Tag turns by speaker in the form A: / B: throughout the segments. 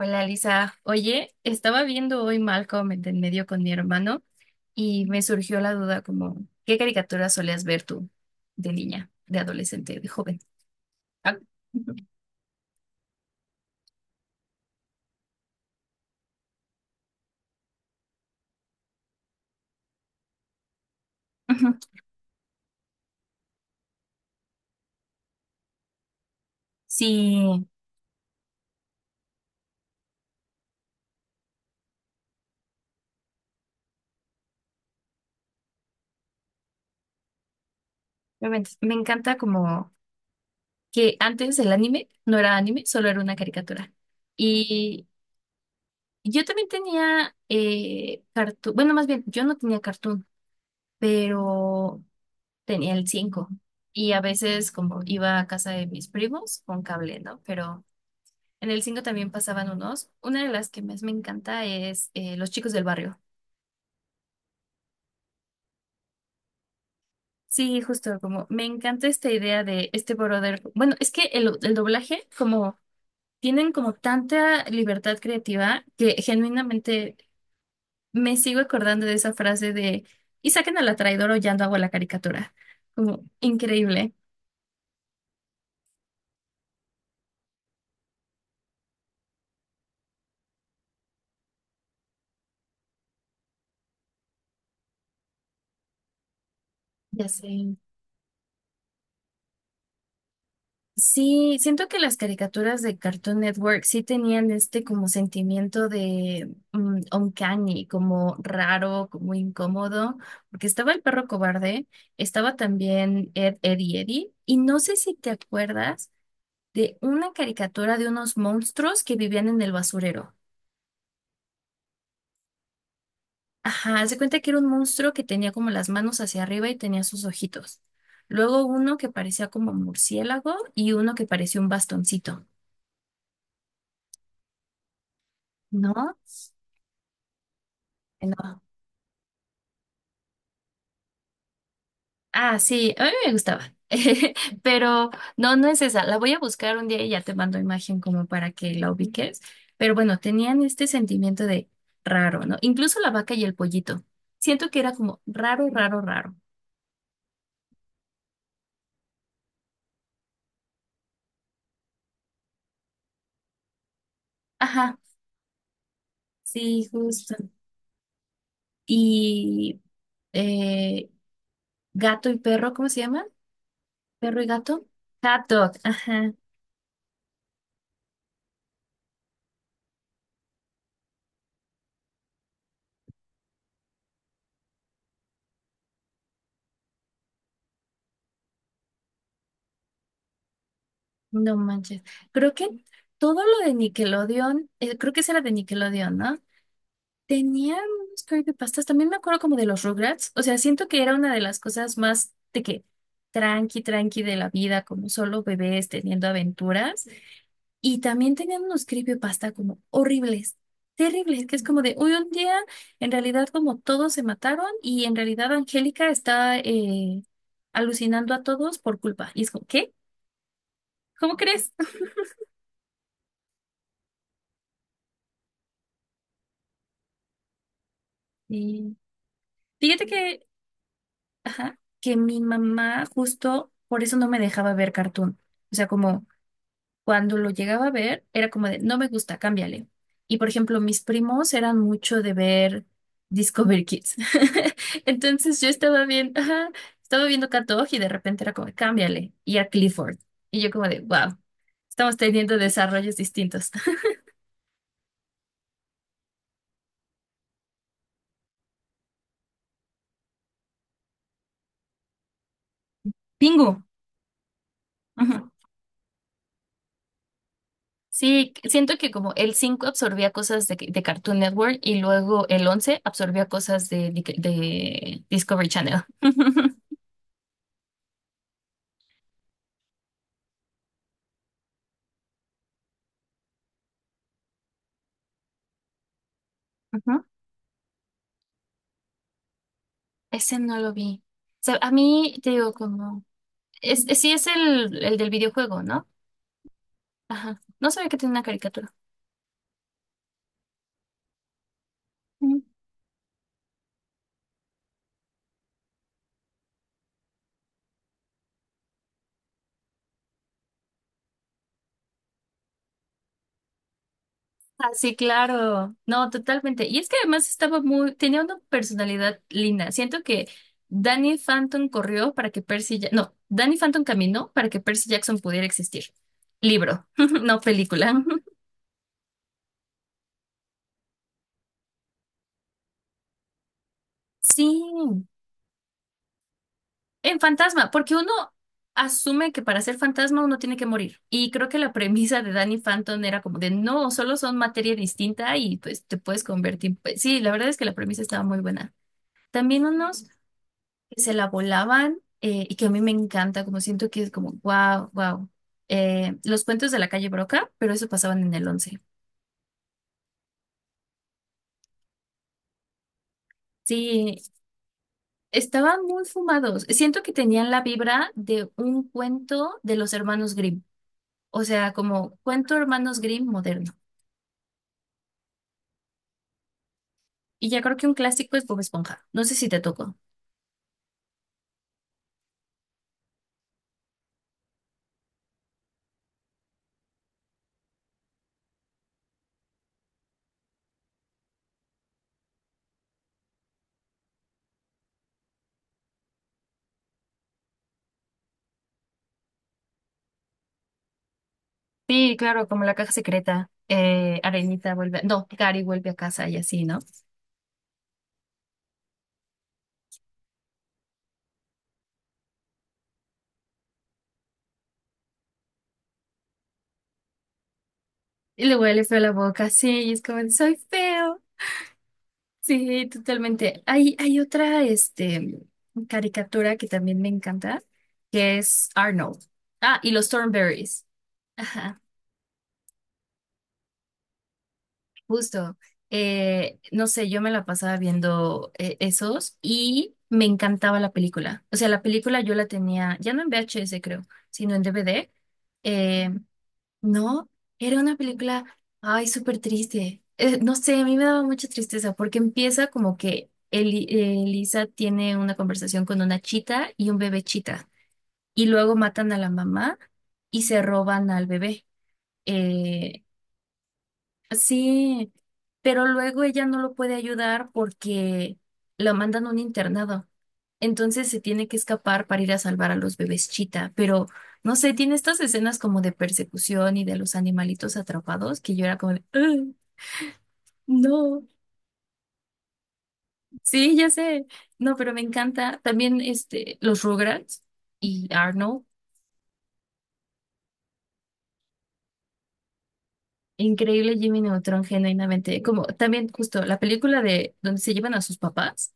A: Hola Lisa, oye, estaba viendo hoy Malcolm en el del medio con mi hermano y me surgió la duda como, ¿qué caricaturas solías ver tú de niña, de adolescente, de joven? Ah, ujú, ujú. Sí, obviamente, me encanta como que antes el anime no era anime, solo era una caricatura. Y yo también tenía cartoon, bueno, más bien, yo no tenía cartoon, pero tenía el 5 y a veces como iba a casa de mis primos con cable, ¿no? Pero en el 5 también pasaban unos. Una de las que más me encanta es Los Chicos del Barrio. Sí, justo, como me encanta esta idea de este brother. Bueno, es que el doblaje, como tienen como tanta libertad creativa que genuinamente me sigo acordando de esa frase de y saquen a la traidora o ya no hago la caricatura. Como increíble. Ya sé. Sí, siento que las caricaturas de Cartoon Network sí tenían este como sentimiento de uncanny, como raro, como incómodo, porque estaba el perro cobarde, estaba también Ed, Ed y Eddie, y no sé si te acuerdas de una caricatura de unos monstruos que vivían en el basurero. Ajá, haz de cuenta que era un monstruo que tenía como las manos hacia arriba y tenía sus ojitos. Luego uno que parecía como murciélago y uno que parecía un bastoncito, ¿no? No. Ah, sí, a mí me gustaba. Pero no es esa. La voy a buscar un día y ya te mando imagen como para que la ubiques. Pero bueno, tenían este sentimiento de raro, ¿no? Incluso la vaca y el pollito. Siento que era como raro, raro, raro. Ajá, sí, justo. Y eh, gato y perro, ¿cómo se llaman? Perro y gato. Hot dog, ajá, no manches. Creo que todo lo de Nickelodeon, creo que ese era de Nickelodeon, ¿no? Tenía unos creepypastas. También me acuerdo como de los Rugrats. O sea, siento que era una de las cosas más de que tranqui, tranqui de la vida, como solo bebés teniendo aventuras. Y también tenían unos creepypasta como horribles, terribles, que es como de, uy, un día en realidad como todos se mataron y en realidad Angélica está alucinando a todos por culpa. Y es como, ¿qué? ¿Cómo crees? Y fíjate que, ajá, que mi mamá justo por eso no me dejaba ver cartoon. O sea, como cuando lo llegaba a ver, era como de, no me gusta, cámbiale. Y por ejemplo, mis primos eran mucho de ver Discovery Kids. Entonces yo estaba viendo, ajá, estaba viendo Cat Dog y de repente era como, cámbiale. Y a Clifford. Y yo como de, wow, estamos teniendo desarrollos distintos. Pingu. Ujú. Sí, siento que como el 5 absorbía cosas de Cartoon Network y luego el 11 absorbía cosas de, de Discovery Channel. Ujú. Ese no lo vi. O sea, a mí te digo como... sí es el del videojuego, ¿no? Ajá. No sabía que tenía una caricatura. Mm. Ah, sí, claro. No, totalmente. Y es que además estaba muy... Tenía una personalidad linda. Siento que Danny Phantom corrió para que Percy... Ja- No, Danny Phantom caminó para que Percy Jackson pudiera existir. Libro, no película. Sí. En fantasma, porque uno asume que para ser fantasma uno tiene que morir. Y creo que la premisa de Danny Phantom era como de no, solo son materia distinta y pues te puedes convertir. Pues, sí, la verdad es que la premisa estaba muy buena. También unos que se la volaban y que a mí me encanta, como siento que es como wow, wow. Los cuentos de la calle Broca, pero eso pasaban en el once. Sí, estaban muy fumados. Siento que tenían la vibra de un cuento de los hermanos Grimm. O sea, como cuento Hermanos Grimm moderno. Y ya creo que un clásico es Bob Esponja. No sé si te tocó. Sí, claro, como la caja secreta, Arenita vuelve, no, Gary vuelve a casa y así, ¿no? Y le huele feo la boca, sí, y es como, soy feo. Sí, totalmente. Hay otra, este, caricatura que también me encanta, que es Arnold. Ah, y los Thornberrys. Ajá. Justo, no sé, yo me la pasaba viendo esos y me encantaba la película. O sea, la película yo la tenía, ya no en VHS creo, sino en DVD. Eh, no, era una película, ay, súper triste. No sé, a mí me daba mucha tristeza porque empieza como que Elisa tiene una conversación con una chita y un bebé chita y luego matan a la mamá y se roban al bebé. eh, Sí, pero luego ella no lo puede ayudar porque la mandan a un internado. Entonces se tiene que escapar para ir a salvar a los bebés chita. Pero no sé, tiene estas escenas como de persecución y de los animalitos atrapados que yo era como, de, "Ugh, no, sí, ya sé". No, pero me encanta. También este, los Rugrats y Arnold. Increíble Jimmy Neutron, genuinamente. Como también justo la película de donde se llevan a sus papás.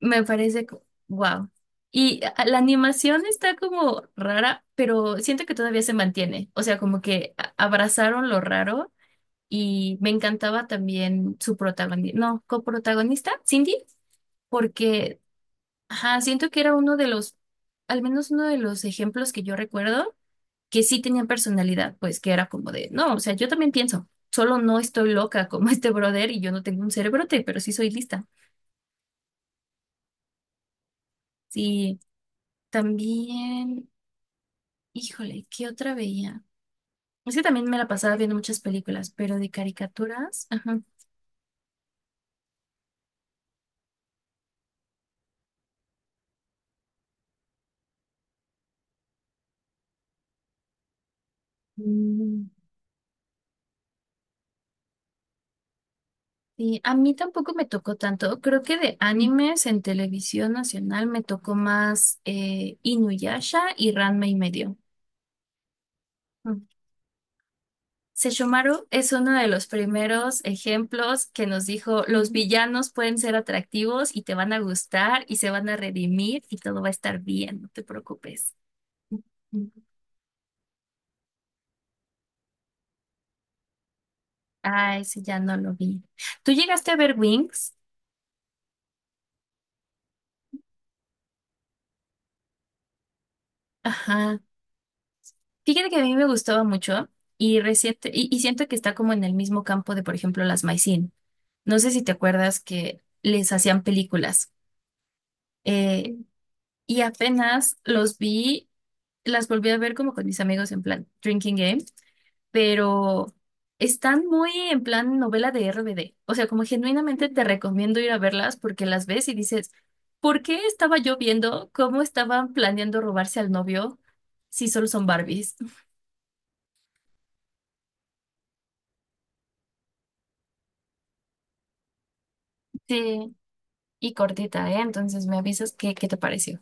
A: Me parece wow. Y a- la animación está como rara, pero siento que todavía se mantiene. O sea, como que a- abrazaron lo raro y me encantaba también su protagonista, no, coprotagonista, Cindy, porque ajá, siento que era uno de los, al menos uno de los ejemplos que yo recuerdo que sí tenía personalidad, pues que era como de, no, o sea, yo también pienso, solo no estoy loca como este brother y yo no tengo un cerebrote, pero sí soy lista. Sí. También híjole, ¿qué otra veía? Es que también me la pasaba viendo muchas películas, pero de caricaturas, ajá. Mm, sí, a mí tampoco me tocó tanto. Creo que de animes en televisión nacional me tocó más Inuyasha y Ranma y medio. Mm. Sesshomaru es uno de los primeros ejemplos que nos dijo, los villanos pueden ser atractivos y te van a gustar y se van a redimir y todo va a estar bien, no te preocupes. Ah, ese ya no lo vi. ¿Tú llegaste a ver Wings? Ajá. Fíjate que a mí me gustaba mucho y, reciente, y siento que está como en el mismo campo de, por ejemplo, las Maicin. No sé si te acuerdas que les hacían películas. Eh, y apenas los vi, las volví a ver como con mis amigos en plan Drinking Game, pero están muy en plan novela de RBD. O sea, como genuinamente te recomiendo ir a verlas porque las ves y dices, ¿por qué estaba yo viendo cómo estaban planeando robarse al novio si solo son Barbies? Sí, y cortita, ¿eh? Entonces me avisas qué, qué te pareció.